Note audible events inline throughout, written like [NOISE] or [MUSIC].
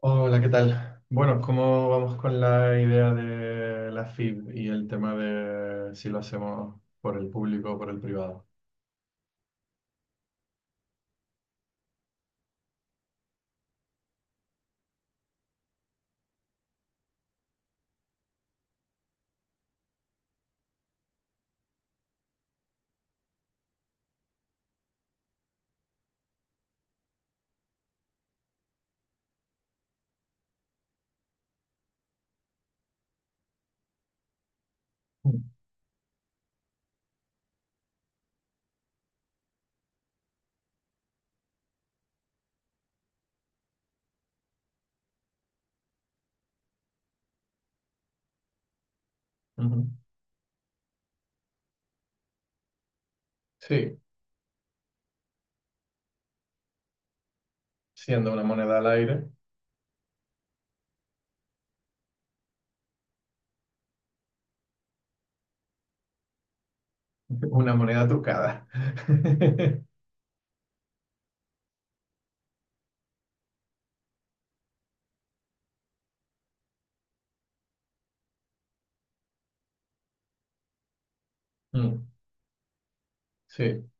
Hola, ¿qué tal? Bueno, ¿cómo vamos con la idea de la FIB y el tema de si lo hacemos por el público o por el privado? Mm. Ujú. Sí, siendo una moneda al aire, [LAUGHS] una moneda trucada. [LAUGHS] Mm. Sí,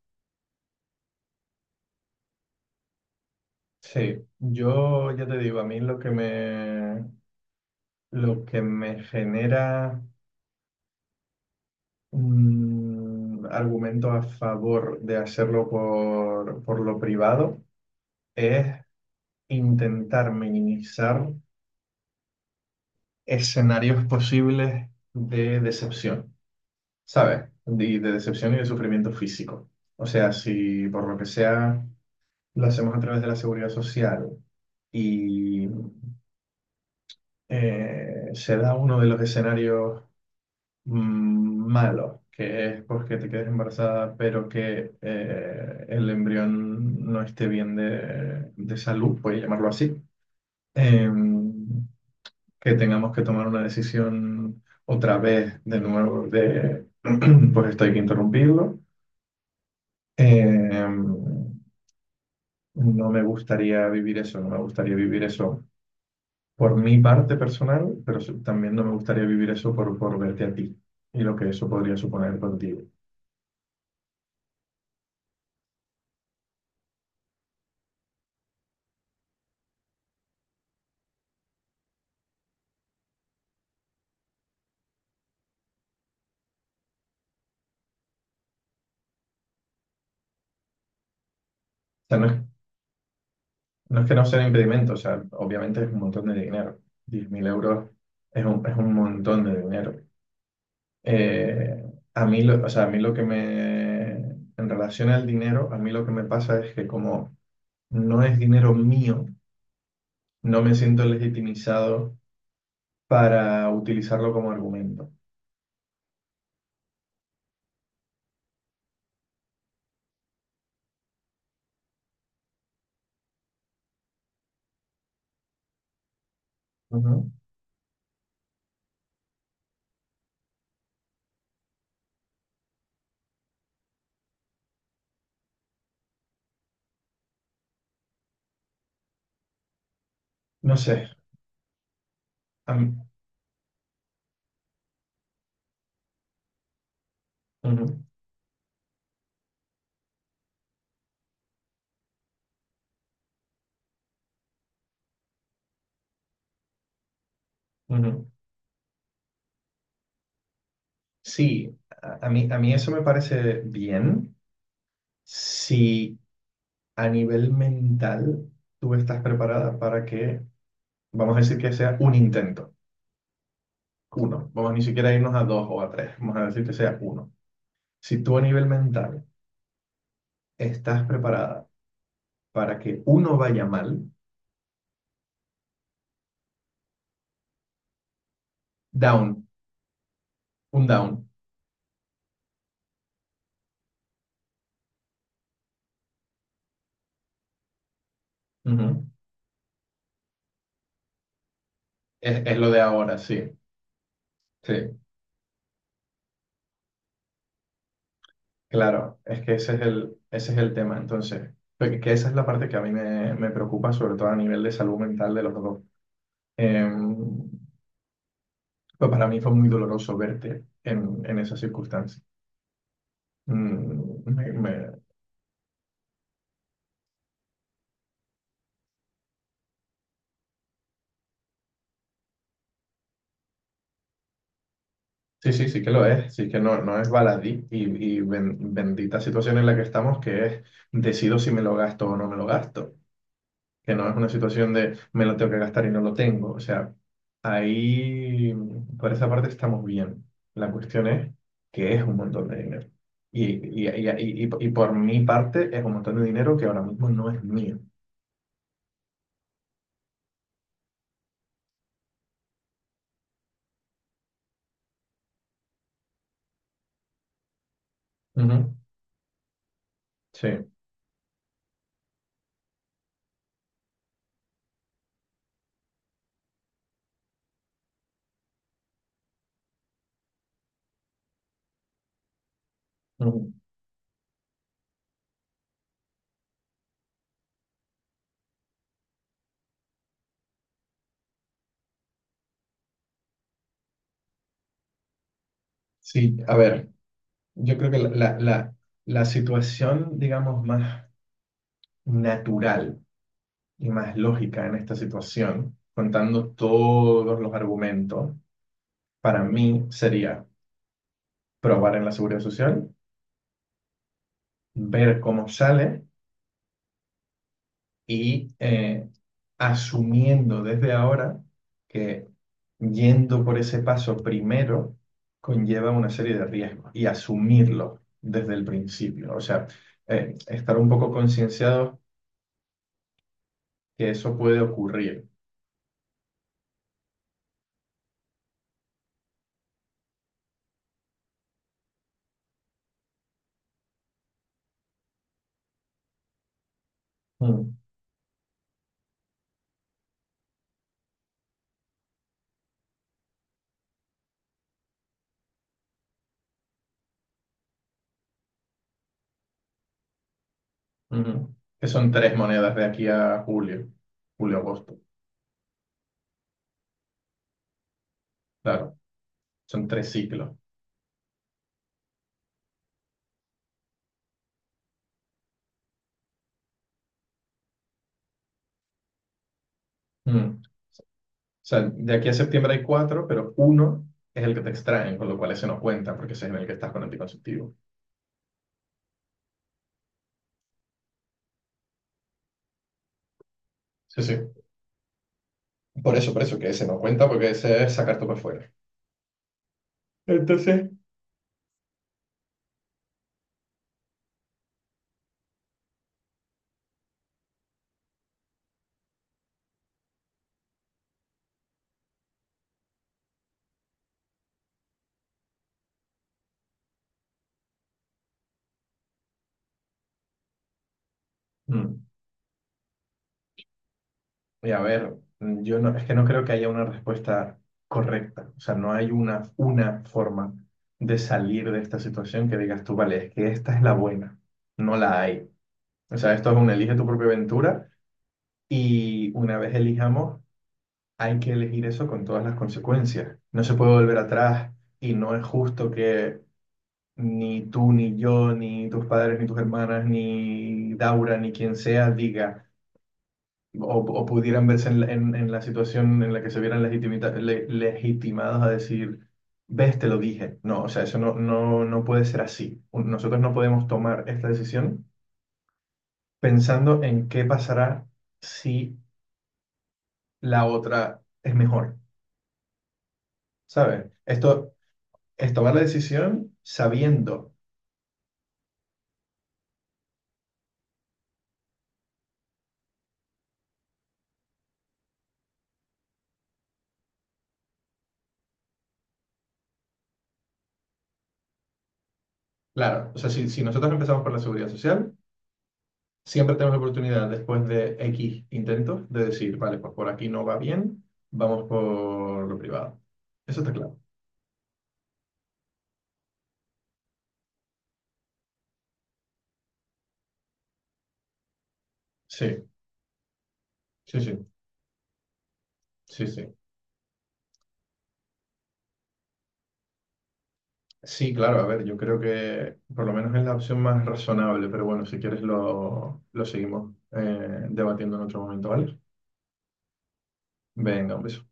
sí. Yo ya te digo, a mí lo que me genera argumentos a favor de hacerlo por lo privado. Es intentar minimizar escenarios posibles de decepción, ¿sabes? De decepción y de sufrimiento físico. O sea, si por lo que sea lo hacemos a través de la seguridad social y se da uno de los escenarios malos, que es porque te quedes embarazada, pero que el embrión no esté bien de salud, puedes llamarlo así. em, que tengamos que tomar una decisión otra vez de nuevo de, [CLEARS THROAT] pues esto hay que interrumpirlo. Em, no me gustaría vivir eso, no me gustaría vivir eso por mi parte personal, pero también no me gustaría vivir eso por verte a ti y lo que eso podría suponer contigo. O sea, no es que no sea un impedimento, o sea, obviamente es un montón de dinero. 10.000 euros es es un montón de dinero. A mí lo, o sea, a mí lo que me, en relación al dinero, a mí lo que me pasa es que como no es dinero mío, no me siento legitimizado para utilizarlo como argumento. Ujú. No sé. a mí- Ujú, ujú. Sí, a mí eso me parece bien si a nivel mental tú estás preparada para que, vamos a decir que sea un intento, uno. Vamos a ni siquiera a irnos a dos o a tres, vamos a decir que sea uno. Si tú a nivel mental estás preparada para que uno vaya mal, down, un down. Ujú. Es lo de ahora, sí. Sí, claro. Es que ese es el tema. Entonces, que esa es la parte que a mí me preocupa, sobre todo a nivel de salud mental de los dos. Em, pues para mí fue muy doloroso verte en esa circunstancia. Mm, me, me- Sí, sí, sí que lo es, sí que no, no es baladí y, bendita situación en la que estamos que es decido si me lo gasto o no me lo gasto, que no es una situación de me lo tengo que gastar y no lo tengo, o sea, ahí por esa parte estamos bien, la cuestión es que es un montón de dinero y por mi parte es un montón de dinero que ahora mismo no es mío. Ujú. Sí, ujú. Sí, a ver, yo creo que la la situación, digamos, más natural y más lógica en esta situación, contando todos los argumentos, para mí sería probar en la seguridad social, ver cómo sale y asumiendo desde ahora que yendo por ese paso primero conlleva una serie de riesgos y asumirlo desde el principio. O sea, estar un poco concienciados que eso puede ocurrir. Mm, ujú. Que son tres monedas de aquí a julio, julio-agosto. Claro, son tres ciclos. Mm. O sea, de aquí a septiembre hay cuatro, pero uno es el que te extraen, con lo cual ese no cuenta, porque ese es en el que estás con anticonceptivo. Sí, sí. Por eso, que ese no cuenta, porque ese es sacarte para afuera. Entonces... Mm. Y a ver, yo no, es que no creo que haya una respuesta correcta. O sea, no hay una forma de salir de esta situación que digas tú, vale, es que esta es la buena. No la hay. O sea, esto es un elige tu propia aventura y una vez elijamos, hay que elegir eso con todas las consecuencias. No se puede volver atrás y no es justo que ni tú, ni yo, ni tus padres, ni tus hermanas, ni Daura, ni quien sea diga o pudieran verse en, en la situación en la que se vieran legitimados a decir, ves, te lo dije. No, o sea, eso no, no puede ser así. Nosotros no podemos tomar esta decisión pensando en qué pasará si la otra es mejor. ¿Sabes? Esto es tomar la decisión sabiendo, claro, o sea, si nosotros empezamos por la seguridad social, siempre tenemos la oportunidad después de X intentos de decir, vale, pues por aquí no va bien, vamos por lo privado. Eso está claro. Sí, sí, sí, sí, sí. Sí, claro, a ver, yo creo que por lo menos es la opción más razonable, pero bueno, si quieres lo seguimos debatiendo en otro momento, ¿vale? Venga, un beso.